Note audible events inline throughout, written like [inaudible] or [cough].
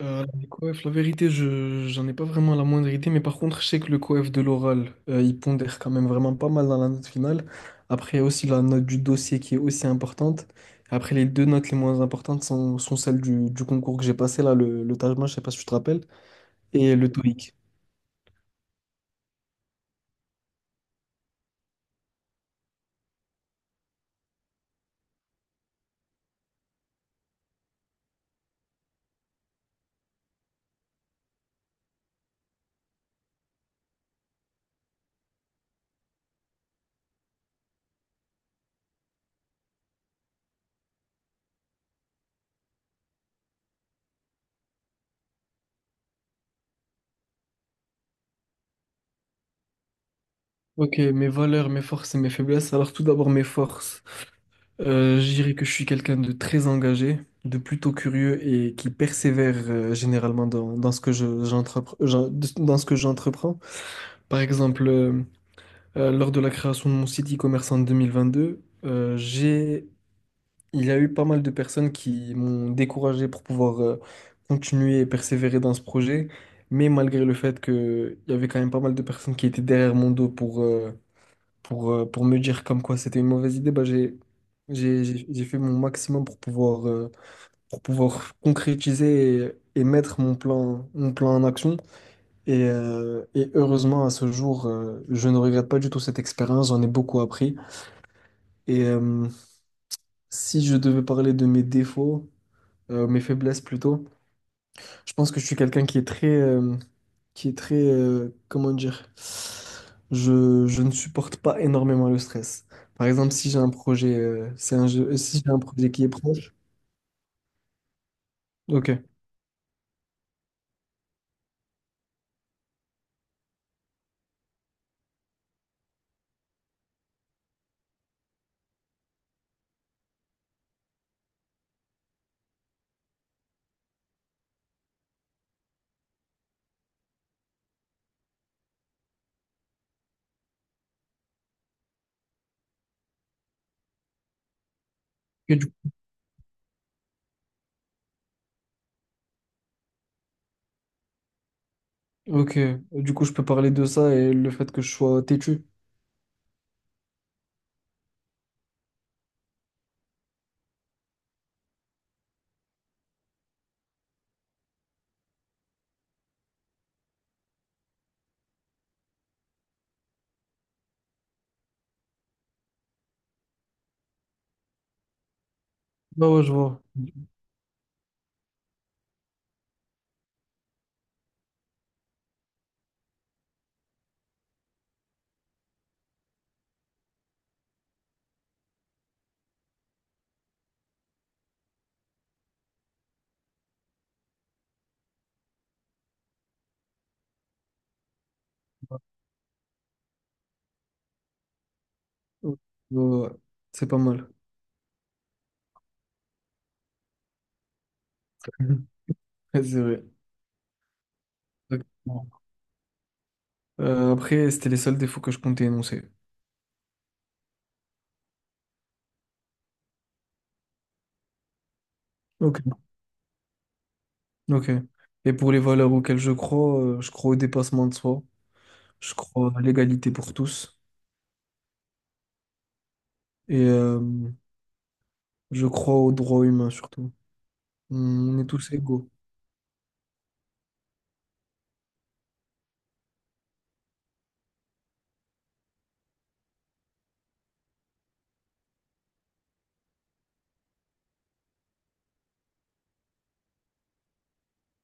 Les coefs, la vérité, je j'en ai pas vraiment la moindre idée, mais par contre, je sais que le coef de l'oral, il pondère quand même vraiment pas mal dans la note finale. Après, il y a aussi la note du dossier qui est aussi importante. Après, les deux notes les moins importantes sont celles du concours que j'ai passé, là, le TAJMA, je sais pas si tu te rappelles, et le TOEIC. Ok, mes valeurs, mes forces et mes faiblesses. Alors, tout d'abord, mes forces. Je dirais que je suis quelqu'un de très engagé, de plutôt curieux et qui persévère généralement dans ce que je, dans ce que j'entreprends. Par exemple, lors de la création de mon site e-commerce en 2022, il y a eu pas mal de personnes qui m'ont découragé pour pouvoir continuer et persévérer dans ce projet. Mais malgré le fait qu'il y avait quand même pas mal de personnes qui étaient derrière mon dos pour me dire comme quoi c'était une mauvaise idée, bah, j'ai fait mon maximum pour pouvoir concrétiser et mettre mon plan en action. Et heureusement, à ce jour, je ne regrette pas du tout cette expérience, j'en ai beaucoup appris. Et euh, Si je devais parler de mes défauts, mes faiblesses plutôt, je pense que je suis quelqu'un qui est très, comment dire, je ne supporte pas énormément le stress. Par exemple, si j'ai un projet, si j'ai un projet qui est proche, ok. Et du, ok, du coup, je peux parler de ça et le fait que je sois têtu. Bah ouais, je vois. Ouais, ouais, c'est pas mal. [laughs] Mhm. Ouais, c'est vrai. Exactement. Après, c'était les seuls défauts que je comptais énoncer. Ok. Ok. Et pour les valeurs auxquelles je crois au dépassement de soi, je crois à l'égalité pour tous. Et, euh, Je crois aux droits humains surtout. On est tous égaux.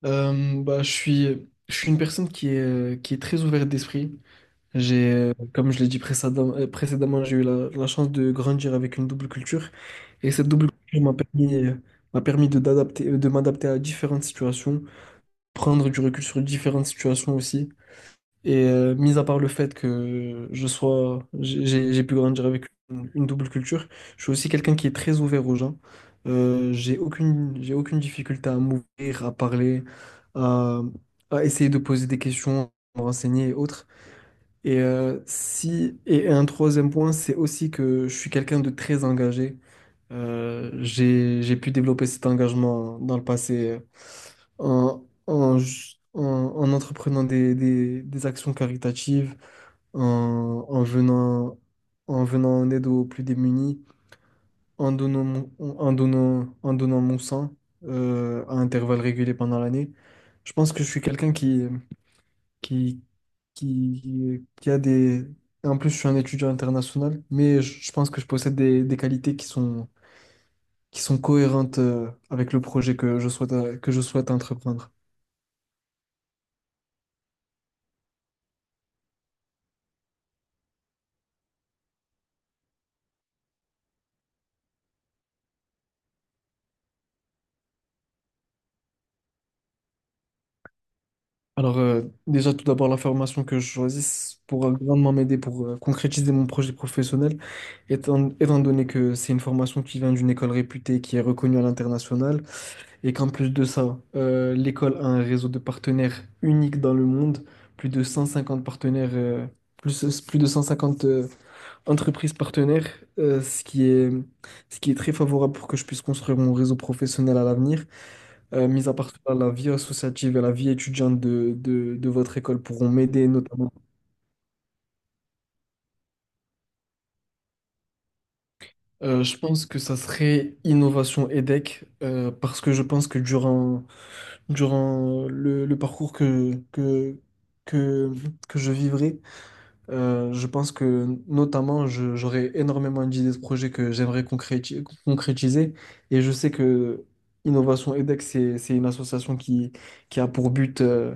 Je suis une personne qui est très ouverte d'esprit. Comme je l'ai dit précédemment, j'ai eu la chance de grandir avec une double culture. Et cette double culture m'a permis de m'adapter à différentes situations, prendre du recul sur différentes situations aussi. Mis à part le fait que je sois, j'ai pu grandir avec une double culture, je suis aussi quelqu'un qui est très ouvert aux gens. J'ai aucune difficulté à m'ouvrir, à parler, à, à essayer de poser des questions, à me renseigner et autres. Et si, et un troisième point, c'est aussi que je suis quelqu'un de très engagé. J'ai pu développer cet engagement dans le passé en, en, ju- en- en entreprenant des actions caritatives, en, en venant, en venant en aide aux plus démunis, en donnant mon, en donnant mon sang à intervalles réguliers pendant l'année. Je pense que je suis quelqu'un qui, qui a des... et en plus, je suis un étudiant international, mais je pense que je possède des qualités qui qui sont cohérentes avec le projet que je souhaite entreprendre. Alors, déjà, tout d'abord, la formation que je choisisse pourra grandement m'aider pour concrétiser mon projet professionnel, étant donné que c'est une formation qui vient d'une école réputée, qui est reconnue à l'international, et qu'en plus de ça, l'école a un réseau de partenaires unique dans le monde, plus de 150 partenaires, plus, plus de 150 entreprises partenaires, euh, ce qui est, ce qui est très favorable pour que je puisse construire mon réseau professionnel à l'avenir. Mis à part cela, la vie associative et la vie étudiante de votre école pourront m'aider notamment. Je pense que ça serait Innovation EDEC parce que je pense que durant le parcours que, que je vivrai, je pense que notamment j'aurai énormément d'idées de projets que j'aimerais concrétiser et je sais que Innovation EDEC, c'est une association qui a pour but euh,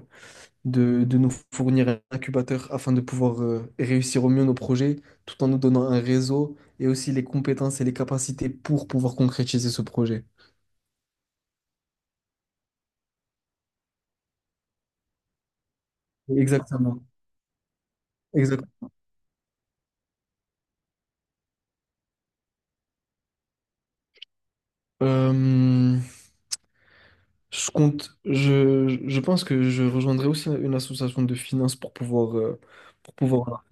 de, de nous fournir un incubateur afin de pouvoir réussir au mieux nos projets, tout en nous donnant un réseau et aussi les compétences et les capacités pour pouvoir concrétiser ce projet. Exactement. Exactement. Euh, je pense que je rejoindrai aussi une association de finances pour pouvoir, pour pouvoir.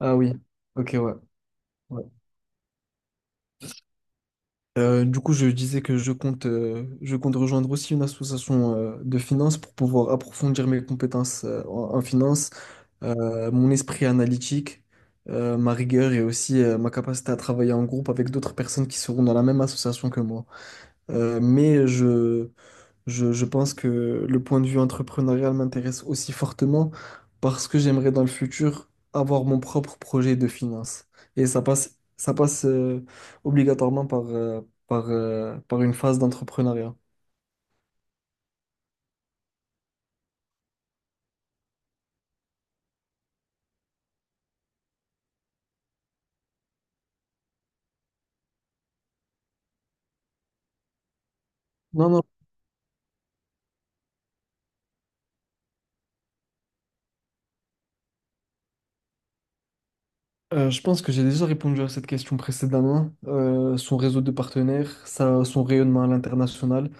Ah oui, ok, ouais. Ouais. Du coup, je disais que je compte rejoindre aussi une association de finances pour pouvoir approfondir mes compétences en finance mon esprit analytique, ma rigueur et aussi ma capacité à travailler en groupe avec d'autres personnes qui seront dans la même association que moi. Euh, mais je, je pense que le point de vue entrepreneurial m'intéresse aussi fortement parce que j'aimerais dans le futur avoir mon propre projet de finance. Ça passe obligatoirement par, euh, par une phase d'entrepreneuriat. Non, non. Je pense que j'ai déjà répondu à cette question précédemment. Son réseau de partenaires, son rayonnement à l'international,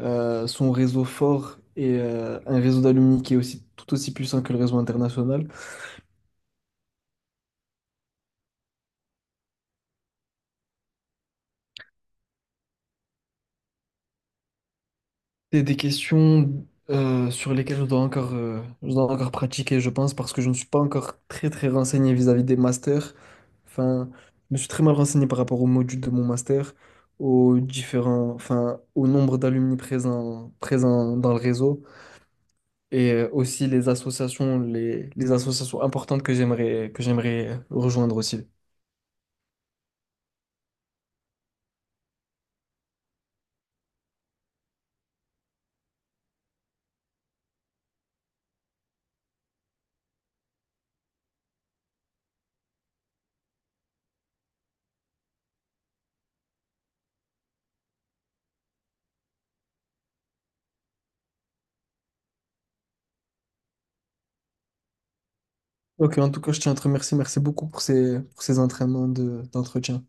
son réseau fort et un réseau d'alumni qui est aussi tout aussi puissant que le réseau international. C'est des questions sur lesquelles je dois encore pratiquer, je pense, parce que je ne suis pas encore très très renseigné vis-à-vis des masters. Enfin, je me suis très mal renseigné par rapport au module de mon master, aux différents, enfin, au nombre d'alumni présents dans le réseau. Et aussi les associations, les associations importantes que j'aimerais rejoindre aussi. Ok, en tout cas, je tiens à te remercier. Merci beaucoup pour pour ces entraînements d'entretien.